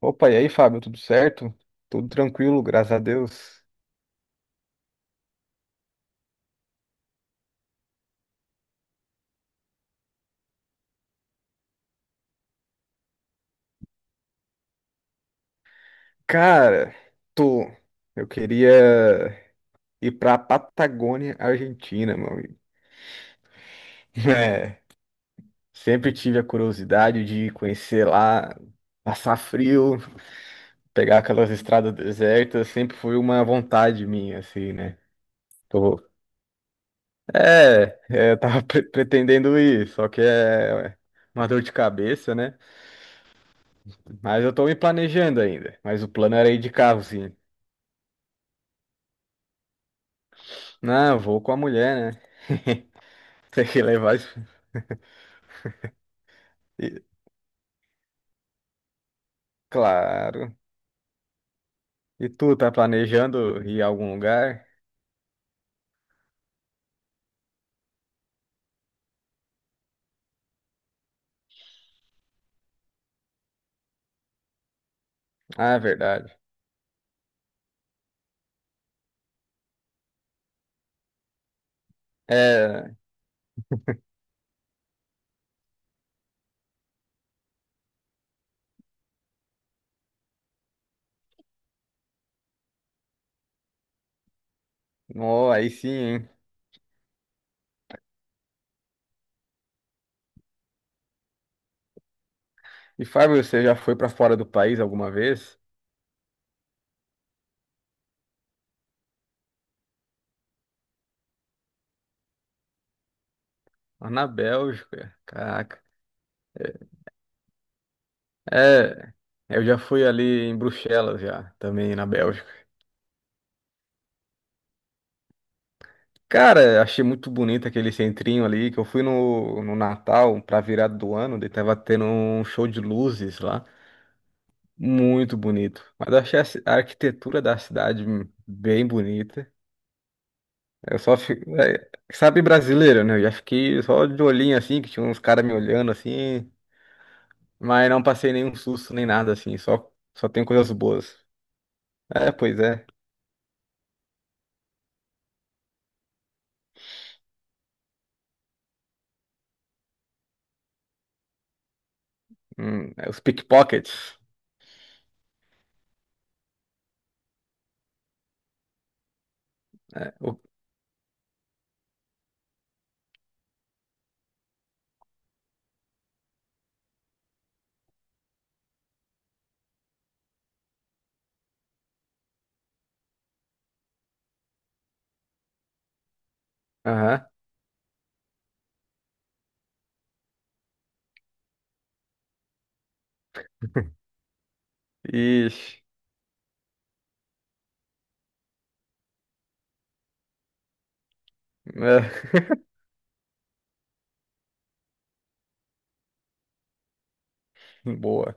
Opa, e aí, Fábio, tudo certo? Tudo tranquilo, graças a Deus. Cara, tô. Eu queria ir pra Patagônia, Argentina, meu amigo. É, sempre tive a curiosidade de conhecer lá, passar frio, pegar aquelas estradas desertas, sempre foi uma vontade minha, assim, né? Tô... É, eu tava pretendendo ir, só que é uma dor de cabeça, né? Mas eu tô me planejando ainda. Mas o plano era ir de carro, sim. Não, eu vou com a mulher, né? Tem que levar isso. E- claro. E tu tá planejando ir a algum lugar? Ah, é verdade. É, no, aí sim, hein? E Fábio, você já foi pra fora do país alguma vez? Lá na Bélgica, caraca. É, é, eu já fui ali em Bruxelas já, também na Bélgica. Cara, achei muito bonito aquele centrinho ali, que eu fui no Natal, pra virada do ano, e tava tendo um show de luzes lá. Muito bonito. Mas eu achei a a arquitetura da cidade bem bonita. Eu só fico. É, sabe, brasileiro, né? Eu já fiquei só de olhinho assim, que tinha uns caras me olhando assim. Mas não passei nenhum susto nem nada assim. Só, só tem coisas boas. É, pois é. É os pickpockets. É, o- Aham. Ixi. É. Boa.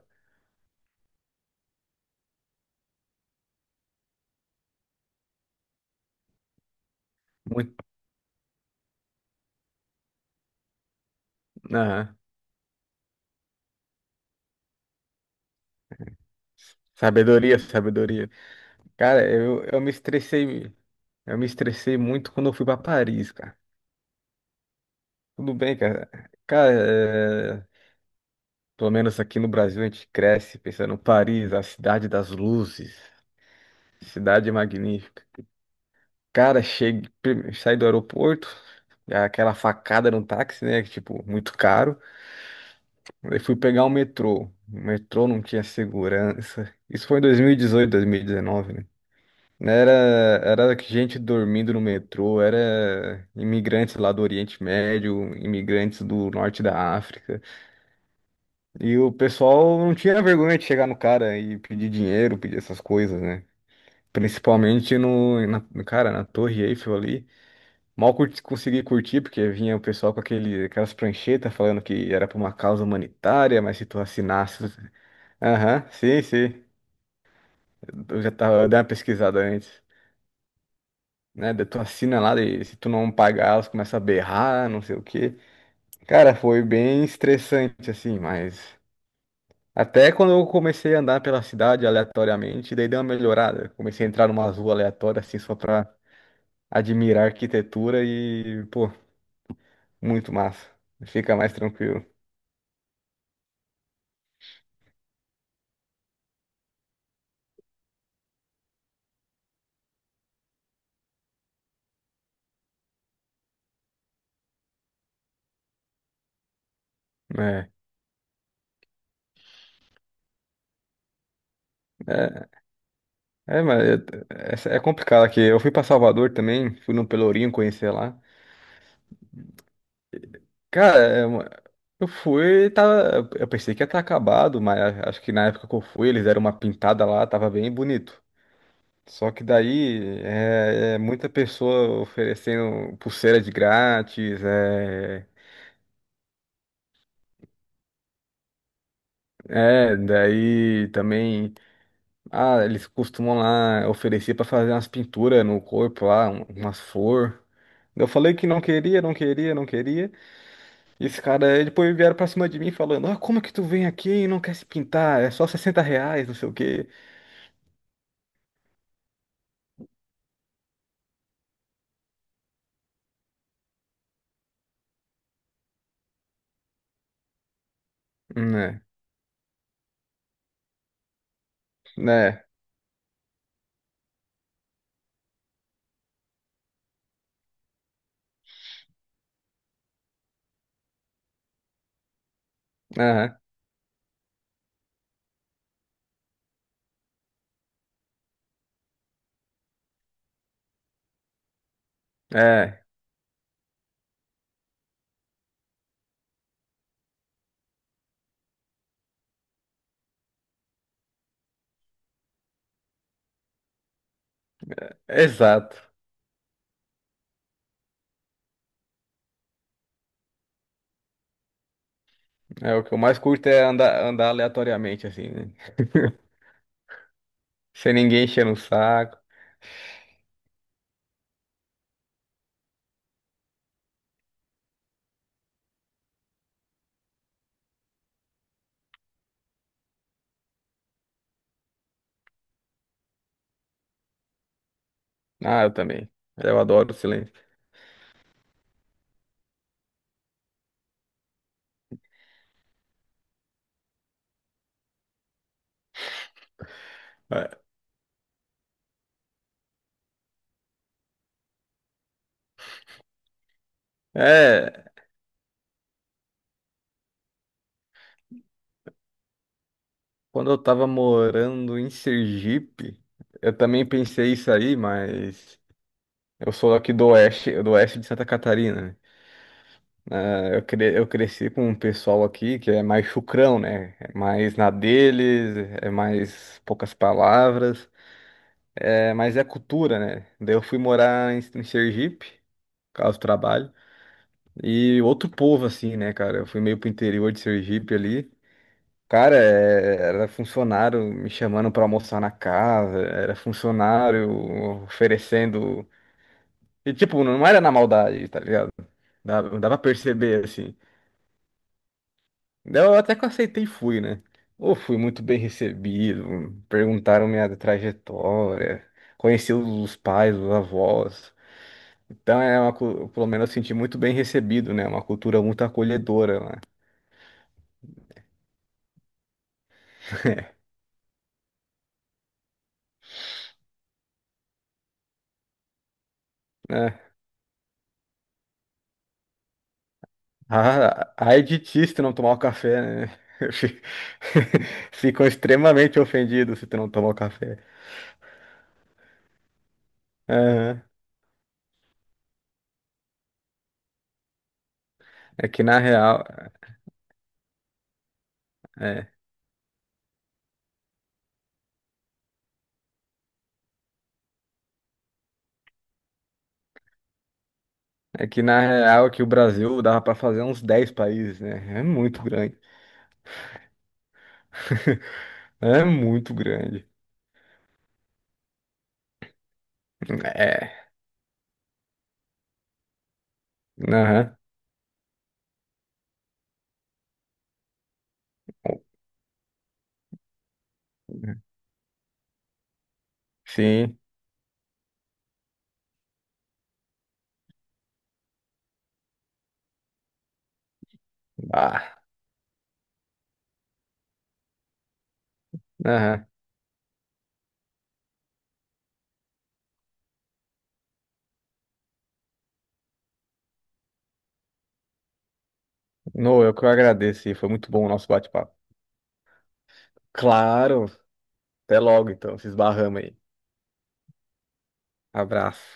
Muito. Aham. Sabedoria, sabedoria. Cara, eu me estressei. Eu me estressei muito quando eu fui pra Paris, cara. Tudo bem, cara. Cara, é, pelo menos aqui no Brasil a gente cresce pensando em Paris, a cidade das luzes, cidade magnífica. Cara, cheguei, prime- saí do aeroporto, já aquela facada no táxi, né? Que, tipo, muito caro. Aí fui pegar o metrô. O metrô não tinha segurança. Isso foi em 2018, 2019, né? Era, era gente dormindo no metrô, era imigrantes lá do Oriente Médio, imigrantes do norte da África. E o pessoal não tinha vergonha de chegar no cara e pedir dinheiro, pedir essas coisas, né? Principalmente no, na, cara, na Torre Eiffel ali. Mal curti, consegui curtir, porque vinha o pessoal com aquele, aquelas pranchetas falando que era pra uma causa humanitária, mas se tu assinasse. Aham, sim, sim. Eu já tava, eu dei uma pesquisada antes. Né? Daí tu assina lá, e se tu não pagar, elas começam a berrar, não sei o quê. Cara, foi bem estressante, assim, mas. Até quando eu comecei a andar pela cidade aleatoriamente, daí deu uma melhorada. Comecei a entrar numa rua aleatória, assim, só pra admirar a arquitetura e, pô, muito massa. Fica mais tranquilo. É, é, é, mas é complicado aqui. Eu fui pra Salvador também, fui no Pelourinho conhecer lá. Cara, é uma- eu fui, tava, eu pensei que ia estar acabado, mas acho que na época que eu fui, eles deram uma pintada lá, tava bem bonito. Só que daí é muita pessoa oferecendo pulseira de grátis, daí também, ah, eles costumam lá oferecer para fazer umas pinturas no corpo lá, umas flor. Eu falei que não queria, não queria, não queria. E esse cara, aí depois vieram pra cima de mim falando, ah, como é que tu vem aqui e não quer se pintar? É só 60 reais, não sei o quê. Né, né, aham, é, exato. É, o que eu mais curto é andar, andar aleatoriamente, assim, né? Sem ninguém enchendo o saco. Ah, eu também. Eu adoro o silêncio. É, é, quando eu tava morando em Sergipe, eu também pensei isso aí, mas eu sou aqui do oeste de Santa Catarina, né? É, eu, eu cresci com um pessoal aqui que é mais chucrão, né? É mais na deles, é mais poucas palavras, é, mas é cultura, né? Daí eu fui morar em Sergipe, por causa do trabalho, e outro povo assim, né, cara? Eu fui meio pro interior de Sergipe ali. Cara, é- era funcionário me chamando pra almoçar na casa, era funcionário oferecendo. E, tipo, não era na maldade, tá ligado? Dava pra perceber, assim. Daí eu até que eu aceitei e fui, né? Ou fui muito bem recebido, perguntaram minha trajetória, conheci os pais, os avós. Então, é uma, cu- pelo menos eu senti muito bem recebido, né? Uma cultura muito acolhedora lá. Ah, ai de ti se tu não tomar o café, né? Fi- Ficam extremamente ofendidos se tu não tomar o café. Aham. É que na real, é, que na real que o Brasil dava pra fazer uns 10 países, né? É muito grande. É muito grande. É. Aham. Sim. Ah. Aham. No, eu que eu agradeço. E foi muito bom o nosso bate-papo. Claro. Até logo, então. Se esbarramos aí. Abraço.